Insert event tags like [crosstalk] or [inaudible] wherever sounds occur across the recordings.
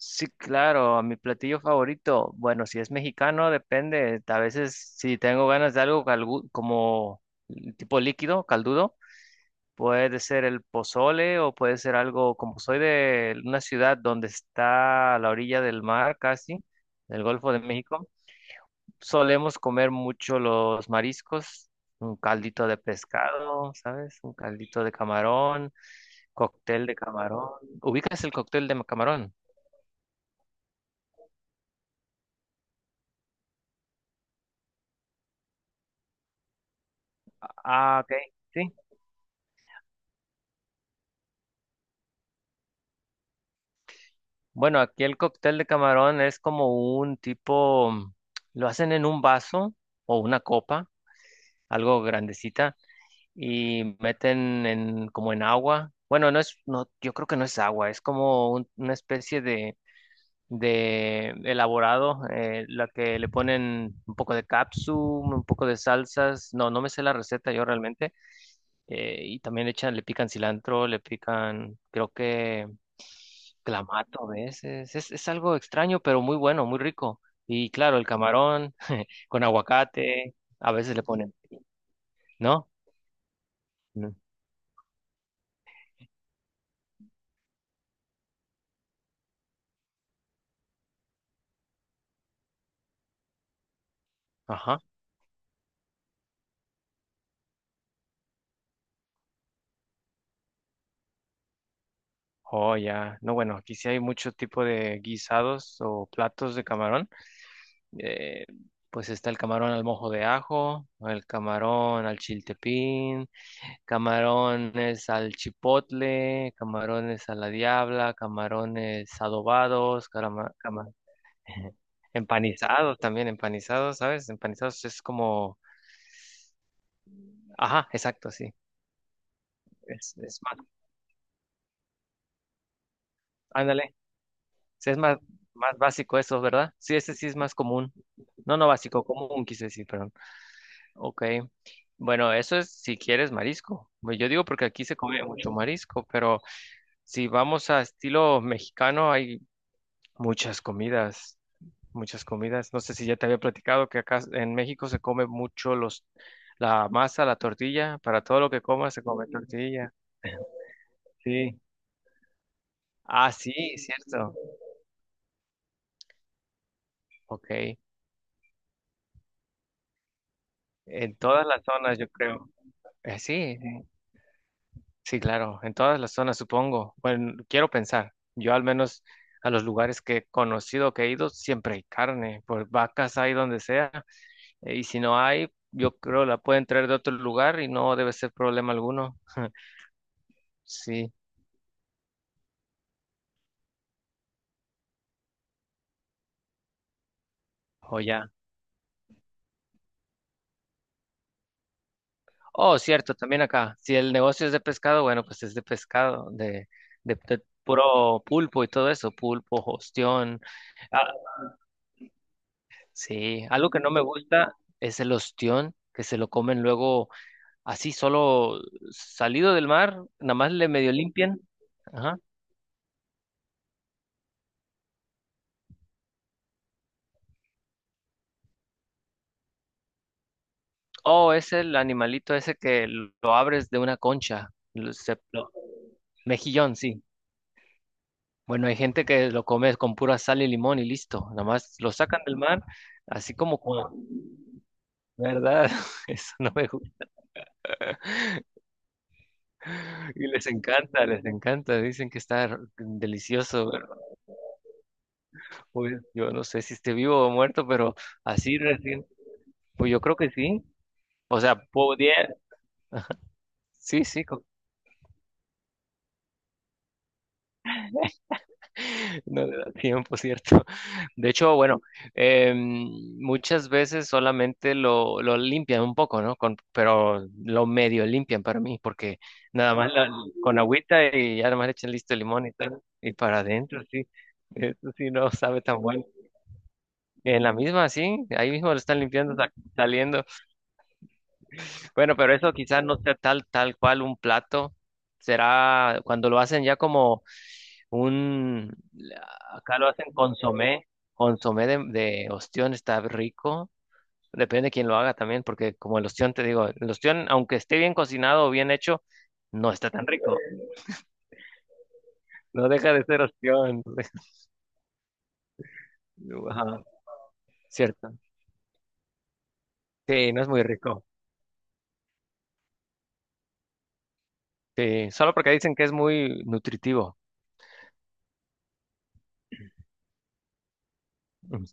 Sí, claro, mi platillo favorito. Bueno, si es mexicano, depende. A veces, si tengo ganas de algo como tipo líquido, caldudo, puede ser el pozole o puede ser algo, como soy de una ciudad donde está a la orilla del mar casi, del Golfo de México, solemos comer mucho los mariscos, un caldito de pescado, ¿sabes? Un caldito de camarón, cóctel de camarón. ¿Ubicas el cóctel de camarón? Ah, ok. Sí. Bueno, aquí el cóctel de camarón es como un tipo, lo hacen en un vaso o una copa, algo grandecita, y meten en, como en agua. Bueno, no, yo creo que no es agua, es como una especie de elaborado, la que le ponen un poco de un poco de salsas. No me sé la receta yo realmente. Eh, y también le echan, le pican cilantro, le pican, creo que clamato a veces. Es algo extraño, pero muy bueno, muy rico. Y claro, el camarón con aguacate, a veces le ponen, ¿no? Mm. Ajá. Oh, ya. No, bueno, aquí sí hay mucho tipo de guisados o platos de camarón. Eh, pues está el camarón al mojo de ajo, el camarón al chiltepín. Camarones al chipotle, camarones a la diabla, camarones adobados, [laughs] empanizados también, ¿sabes? Empanizados es como, ajá, exacto, sí, es más, ándale, sí, es más, más básico eso, ¿verdad? Sí, ese sí es más común, no, no básico, común quise decir, perdón. Ok, bueno, eso es si quieres marisco. Pues yo digo porque aquí se come mucho marisco, pero si vamos a estilo mexicano hay muchas comidas. Muchas comidas. No sé si ya te había platicado que acá en México se come la masa, la tortilla. Para todo lo que comas se come tortilla. Sí. Ah, sí, cierto. Ok. En todas las zonas, yo creo. Sí, sí, claro. En todas las zonas, supongo. Bueno, quiero pensar. Yo al menos a los lugares que he conocido, que he ido, siempre hay carne. Pues vacas hay donde sea. Y si no hay, yo creo la pueden traer de otro lugar y no debe ser problema alguno. [laughs] Sí. O ya. Oh, cierto, también acá. Si el negocio es de pescado, bueno, pues es de pescado, de puro pulpo y todo eso, pulpo, ostión. Ah, sí, algo que no me gusta es el ostión, que se lo comen luego así, solo salido del mar, nada más le medio limpian. Ajá. Oh, es el animalito ese que lo abres de una concha. lo- se- lo- Mejillón, sí. Bueno, hay gente que lo come con pura sal y limón y listo. Nada más lo sacan del mar, así como con... ¿Verdad? [laughs] Eso no me gusta. Y les encanta, les encanta. Dicen que está delicioso. ¿Verdad? Pues yo no sé si esté vivo o muerto, pero así recién. Pues yo creo que sí. O sea, podría... Sí, sí, No le da tiempo, ¿cierto? [laughs] De hecho, bueno, muchas veces solamente lo limpian un poco, ¿no? Con, pero lo medio limpian para mí, porque nada más la- con agüita y ya nada más le echan listo el limón y tal, y para adentro, sí. Eso sí no sabe tan bueno. En la misma, sí, ahí mismo lo están limpiando, saliendo. Bueno, pero eso quizás no sea tal cual un plato. Será cuando lo hacen ya como un, acá lo hacen consomé, consomé de ostión, está rico. Depende de quién lo haga también, porque como el ostión, te digo, el ostión, aunque esté bien cocinado o bien hecho, no está tan rico. No deja de ser ostión. [laughs] Ajá, cierto. Sí, no es muy rico. Sí, solo porque dicen que es muy nutritivo. Mm.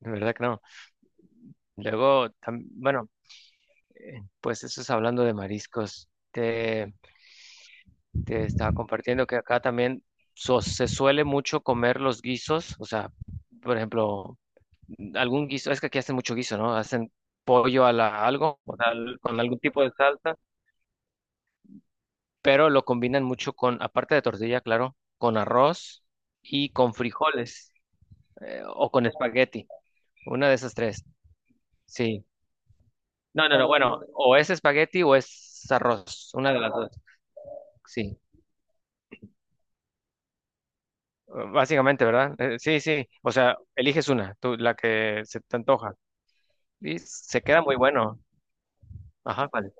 De verdad que no. Luego, bueno, pues eso es hablando de mariscos. Te estaba compartiendo que acá también se suele mucho comer los guisos, o sea, por ejemplo, algún guiso, es que aquí hacen mucho guiso, ¿no? Hacen pollo a la algo, o sea, con algún tipo de salsa, pero lo combinan mucho con, aparte de tortilla, claro, con arroz y con frijoles, o con espagueti, una de esas tres, sí. No, no, bueno, o es espagueti o es arroz, una de las dos, sí. Básicamente, ¿verdad? Sí. O sea, eliges una, tú, la que se te antoja. Y se queda muy bueno. Ajá, vale.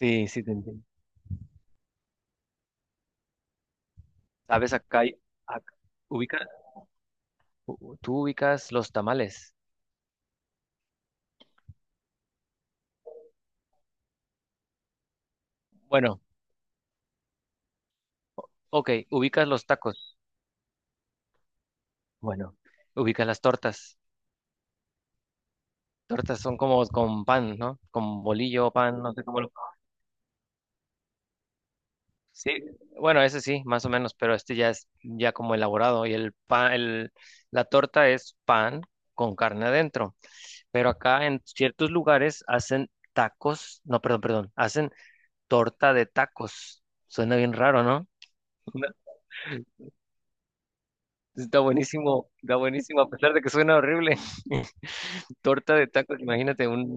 Sí, sí, te entiendo. Sabes, acá, ac- ubica, tú ubicas los tamales. Bueno, ok, ubicas los tacos. Bueno, ubicas las tortas. Tortas son como con pan, ¿no? Con bolillo, pan, no sé cómo lo... Sí, bueno, ese sí, más o menos, pero este ya es ya como elaborado y el pan, la torta es pan con carne adentro. Pero acá en ciertos lugares hacen tacos, no, perdón, hacen torta de tacos. Suena bien raro, ¿no? Una- está buenísimo, a pesar de que suena horrible. [laughs] Torta de tacos, imagínate un...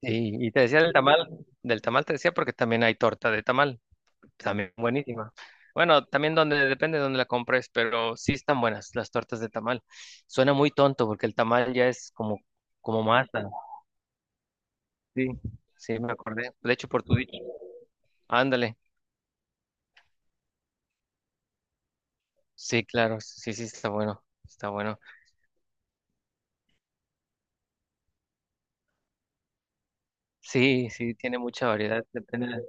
Y, y te decía del tamal te decía porque también hay torta de tamal, también buenísima. Bueno, también donde, depende de dónde la compres, pero sí están buenas las tortas de tamal. Suena muy tonto porque el tamal ya es como, como masa. Sí, sí, me acordé. De hecho, por tu dicho. Ándale. Sí, claro, sí, sí, está bueno, está bueno. Sí, sí, tiene mucha variedad. Depende. De-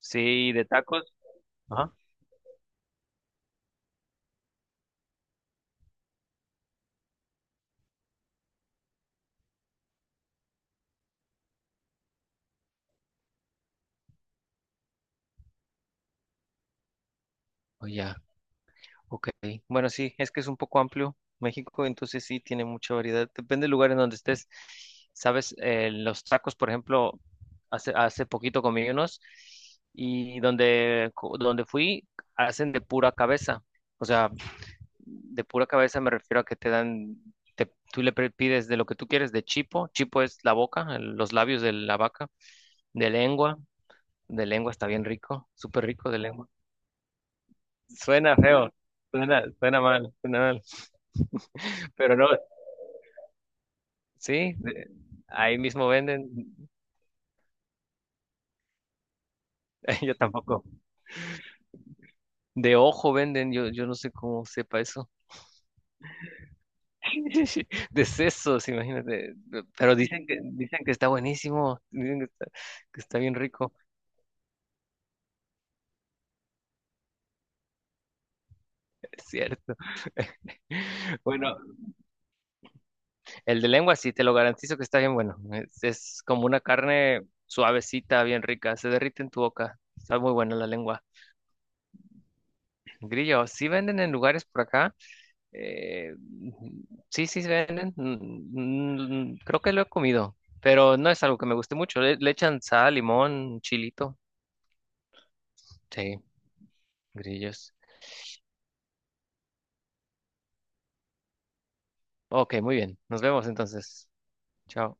Sí, de tacos. Ajá. O ya, ok. Bueno, sí, es que es un poco amplio México, entonces sí, tiene mucha variedad. Depende del lugar en donde estés. Sabes, los tacos, por ejemplo, hace poquito comí unos y donde, donde fui, hacen de pura cabeza. O sea, de pura cabeza me refiero a que te dan, tú le pides de lo que tú quieres, de chipo. Chipo es la boca, los labios de la vaca, de lengua. De lengua está bien rico, súper rico de lengua. Suena feo, suena, suena mal, suena mal. Pero no, sí, de- ahí mismo venden. [laughs] Yo tampoco. De ojo venden, yo no sé cómo sepa eso. [laughs] De sesos, imagínate. Pero dicen que está buenísimo, dicen que está bien rico, [laughs] es cierto. [laughs] Bueno, el de lengua sí, te lo garantizo que está bien bueno. Es como una carne suavecita, bien rica, se derrite en tu boca. Está muy buena la lengua. Grillo, sí venden en lugares por acá. eh, sí, sí se venden. Creo que lo he comido, pero no es algo que me guste mucho. Le echan sal, limón, chilito. Sí, grillos. Ok, muy bien. Nos vemos entonces. Chao.